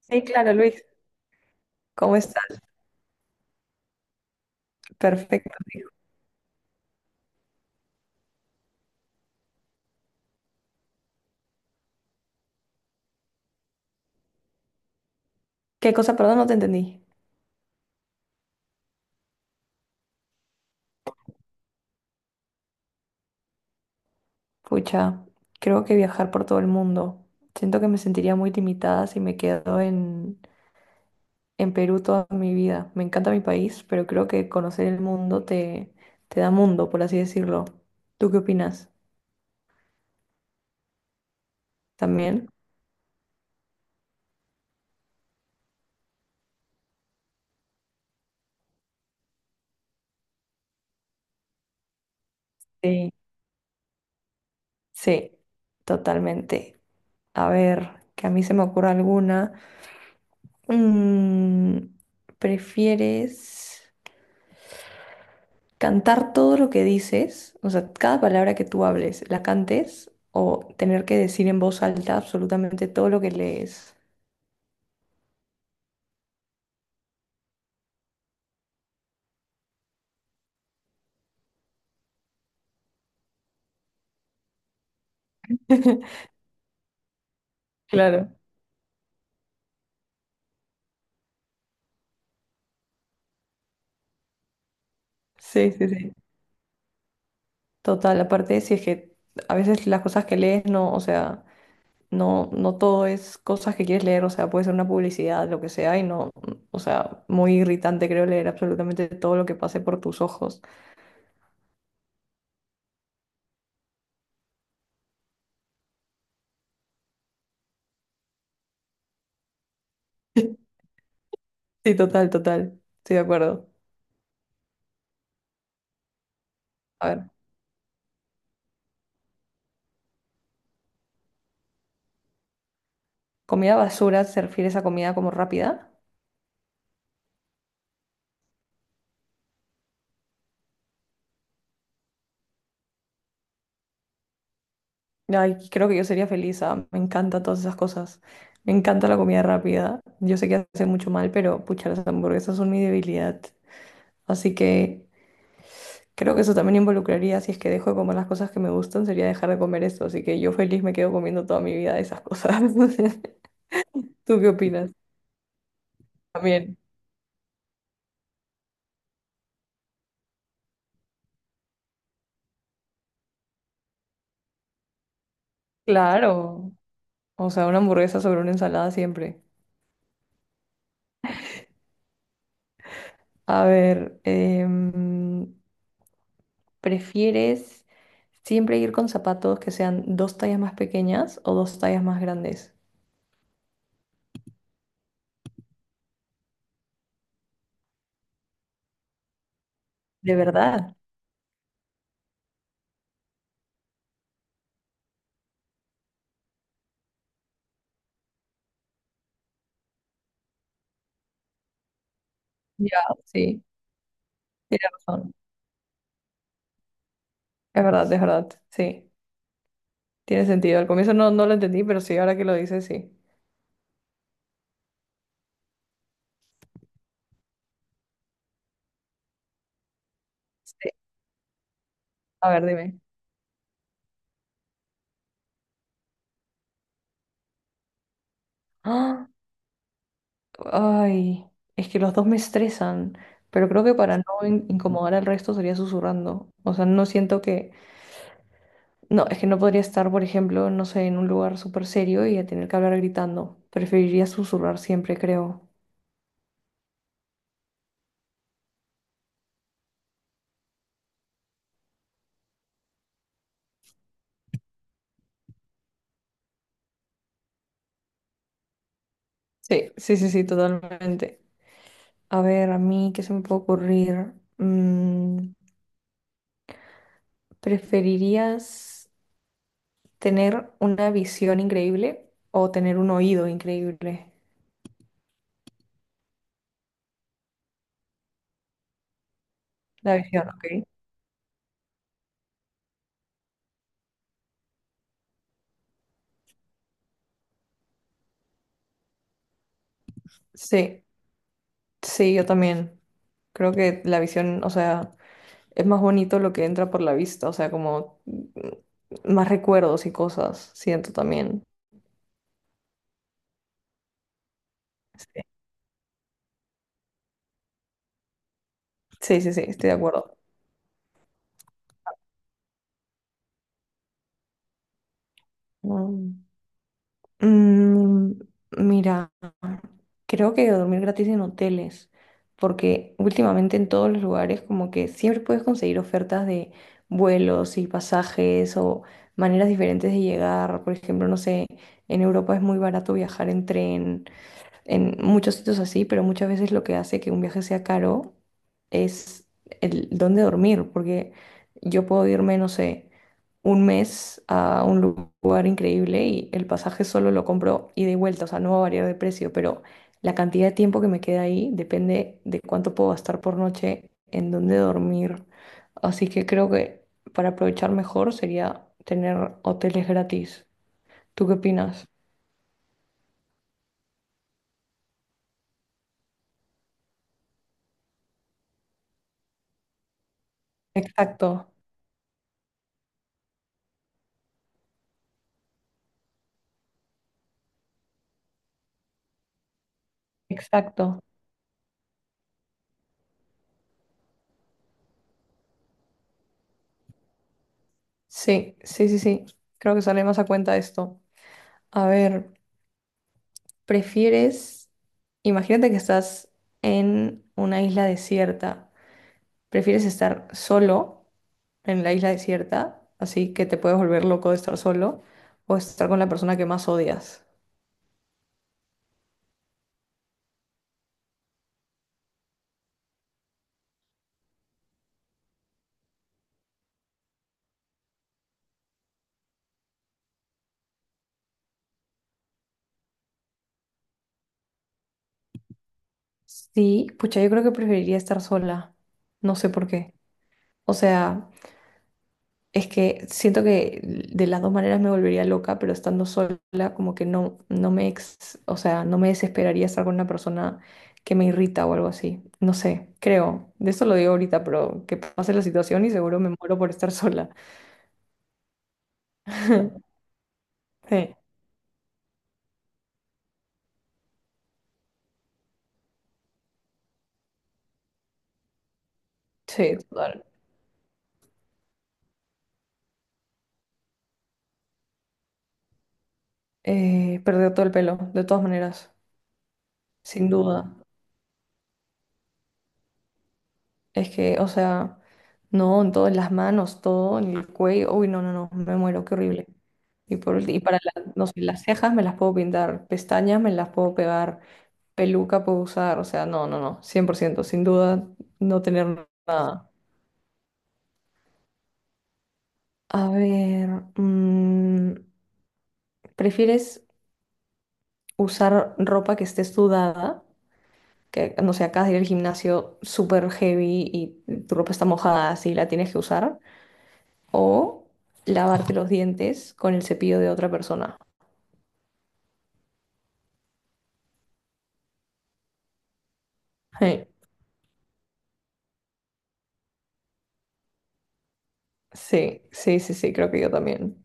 Sí, claro, Luis. ¿Cómo- ¿Qué cosa? Perdón, no te entendí. Pucha, creo que viajar por todo el mundo. Siento que me sentiría muy limitada si me quedo en Perú toda mi vida. Me encanta mi país, pero creo que conocer el mundo te, te da mundo, por así decirlo. ¿Tú qué opinas? ¿También? Sí. Sí, totalmente. A ver, que a mí se me ocurra alguna. Mm, ¿prefieres cantar todo lo que dices? O sea, cada palabra que tú hables, la cantes, o tener que decir en voz alta absolutamente todo lo que lees. Claro. Sí, sí, sí. Total. Aparte, si es que a veces las cosas que lees no, o sea, no, no todo es cosas que quieres leer, o sea, puede ser una publicidad, lo que sea, y no, o sea, muy irritante creo leer absolutamente todo lo que pase por tus ojos. Sí, total, total. Estoy de acuerdo. A ver, comida basura, ¿se refiere a esa comida como rápida? Ay, creo que yo sería feliz. Ah, me encantan todas esas cosas. Me encanta la comida rápida. Yo sé que hace mucho mal, pero pucha, las hamburguesas son mi debilidad. Así que creo que eso también involucraría, si es que dejo de comer las cosas que me gustan, sería dejar de comer esto. Así que yo feliz me quedo comiendo toda mi vida esas cosas. ¿Tú qué opinas? También. Claro. O sea, una hamburguesa sobre una ensalada siempre. A ver, ¿prefieres siempre ir con zapatos que sean dos tallas más pequeñas o dos tallas más grandes? ¿De verdad? Ya, sí, tienes razón. Es verdad, es verdad. Sí, tiene sentido. Al comienzo no, no lo entendí, pero sí, ahora que lo dices, sí. Sí. A ver, dime. ¡Ah! Ay, es que los dos me estresan, pero creo que para no incomodar al resto sería susurrando. O sea, no siento que... No, es que no podría estar, por ejemplo, no sé, en un lugar súper serio y a tener que hablar gritando. Preferiría susurrar siempre, creo. Sí, sí, sí, sí, totalmente. A ver, a mí, ¿qué se me puede ocurrir? Mm, ¿Preferirías tener una visión increíble o tener un oído increíble? La visión, ok. Sí, sí, yo también. Creo que la visión, o sea, es más bonito lo que entra por la vista, o sea, como más recuerdos y cosas, siento también. Sí, sí, sí, sí, estoy de acuerdo. Mm. Mm, mira, creo que dormir gratis en hoteles, porque últimamente en todos los lugares como que siempre puedes conseguir ofertas de vuelos y pasajes o maneras diferentes de llegar. Por ejemplo, no sé, en Europa es muy barato viajar en tren en muchos sitios así, pero muchas veces lo que hace que un viaje sea caro es el dónde dormir, porque yo puedo irme, no sé, un mes a un lugar increíble y el pasaje solo lo compro ida y vuelta, o sea, no va a variar de precio, pero la cantidad de tiempo que me queda ahí depende de cuánto puedo gastar por noche en dónde dormir. Así que creo que para aprovechar mejor sería tener hoteles gratis. ¿Tú qué opinas? Exacto, exacto. Sí, sí, sí, sí. Creo que sale más a cuenta esto. A ver, ¿prefieres, imagínate que estás en una isla desierta, ¿prefieres estar solo en la isla desierta, así que te puedes volver loco de estar solo, o estar con la persona que más odias? Sí, pucha, yo creo que preferiría estar sola. No sé por qué. O sea, es que siento que de las dos maneras me volvería loca, pero estando sola como que no, no me o sea, no me desesperaría estar con una persona que me irrita o algo así. No sé, creo. De eso lo digo ahorita, pero que pase la situación y seguro me muero por estar sola. Sí, sí, total. Perder todo el pelo, de todas maneras, sin duda. Es que, o sea, no, en todas las manos, todo, en el cuello. Uy, no, no, no, me muero, qué horrible. Y, por, y para no sé, las cejas me las puedo pintar, pestañas me las puedo pegar, peluca puedo usar, o sea, no, no, no, 100% sin duda no tener nada. A ver, mm, ¿prefieres usar ropa que esté sudada? Que, no sé, acabas de ir al gimnasio súper heavy y tu ropa está mojada, así la tienes que usar. O lavarte los dientes con el cepillo de otra persona. Sí, sí, sí, sí, sí, creo que yo también.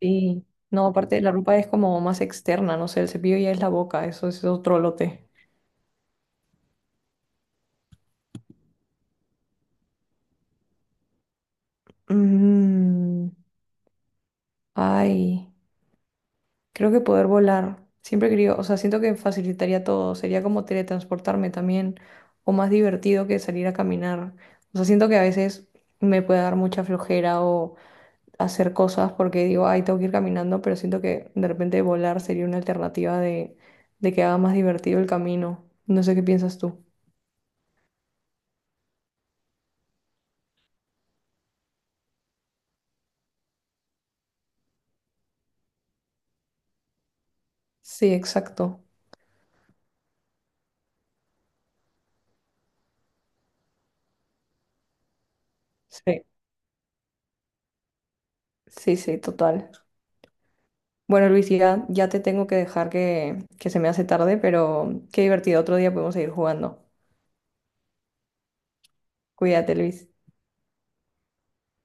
Sí. No, aparte la ropa es como más externa, no sé, el cepillo ya es la boca, eso es otro lote. Mm, ay, creo que poder volar. Siempre he querido, o sea, siento que facilitaría todo, sería como teletransportarme también, o más divertido que salir a caminar. O sea, siento que a veces me puede dar mucha flojera o hacer cosas porque digo, ay, tengo que ir caminando, pero siento que de repente volar sería una alternativa de que haga más divertido el camino. No sé qué piensas tú. Sí, exacto. Sí, sí, sí, total. Bueno, Luis, ya, ya te tengo que dejar que se me hace tarde, pero qué divertido. Otro día podemos seguir jugando. Cuídate, Luis.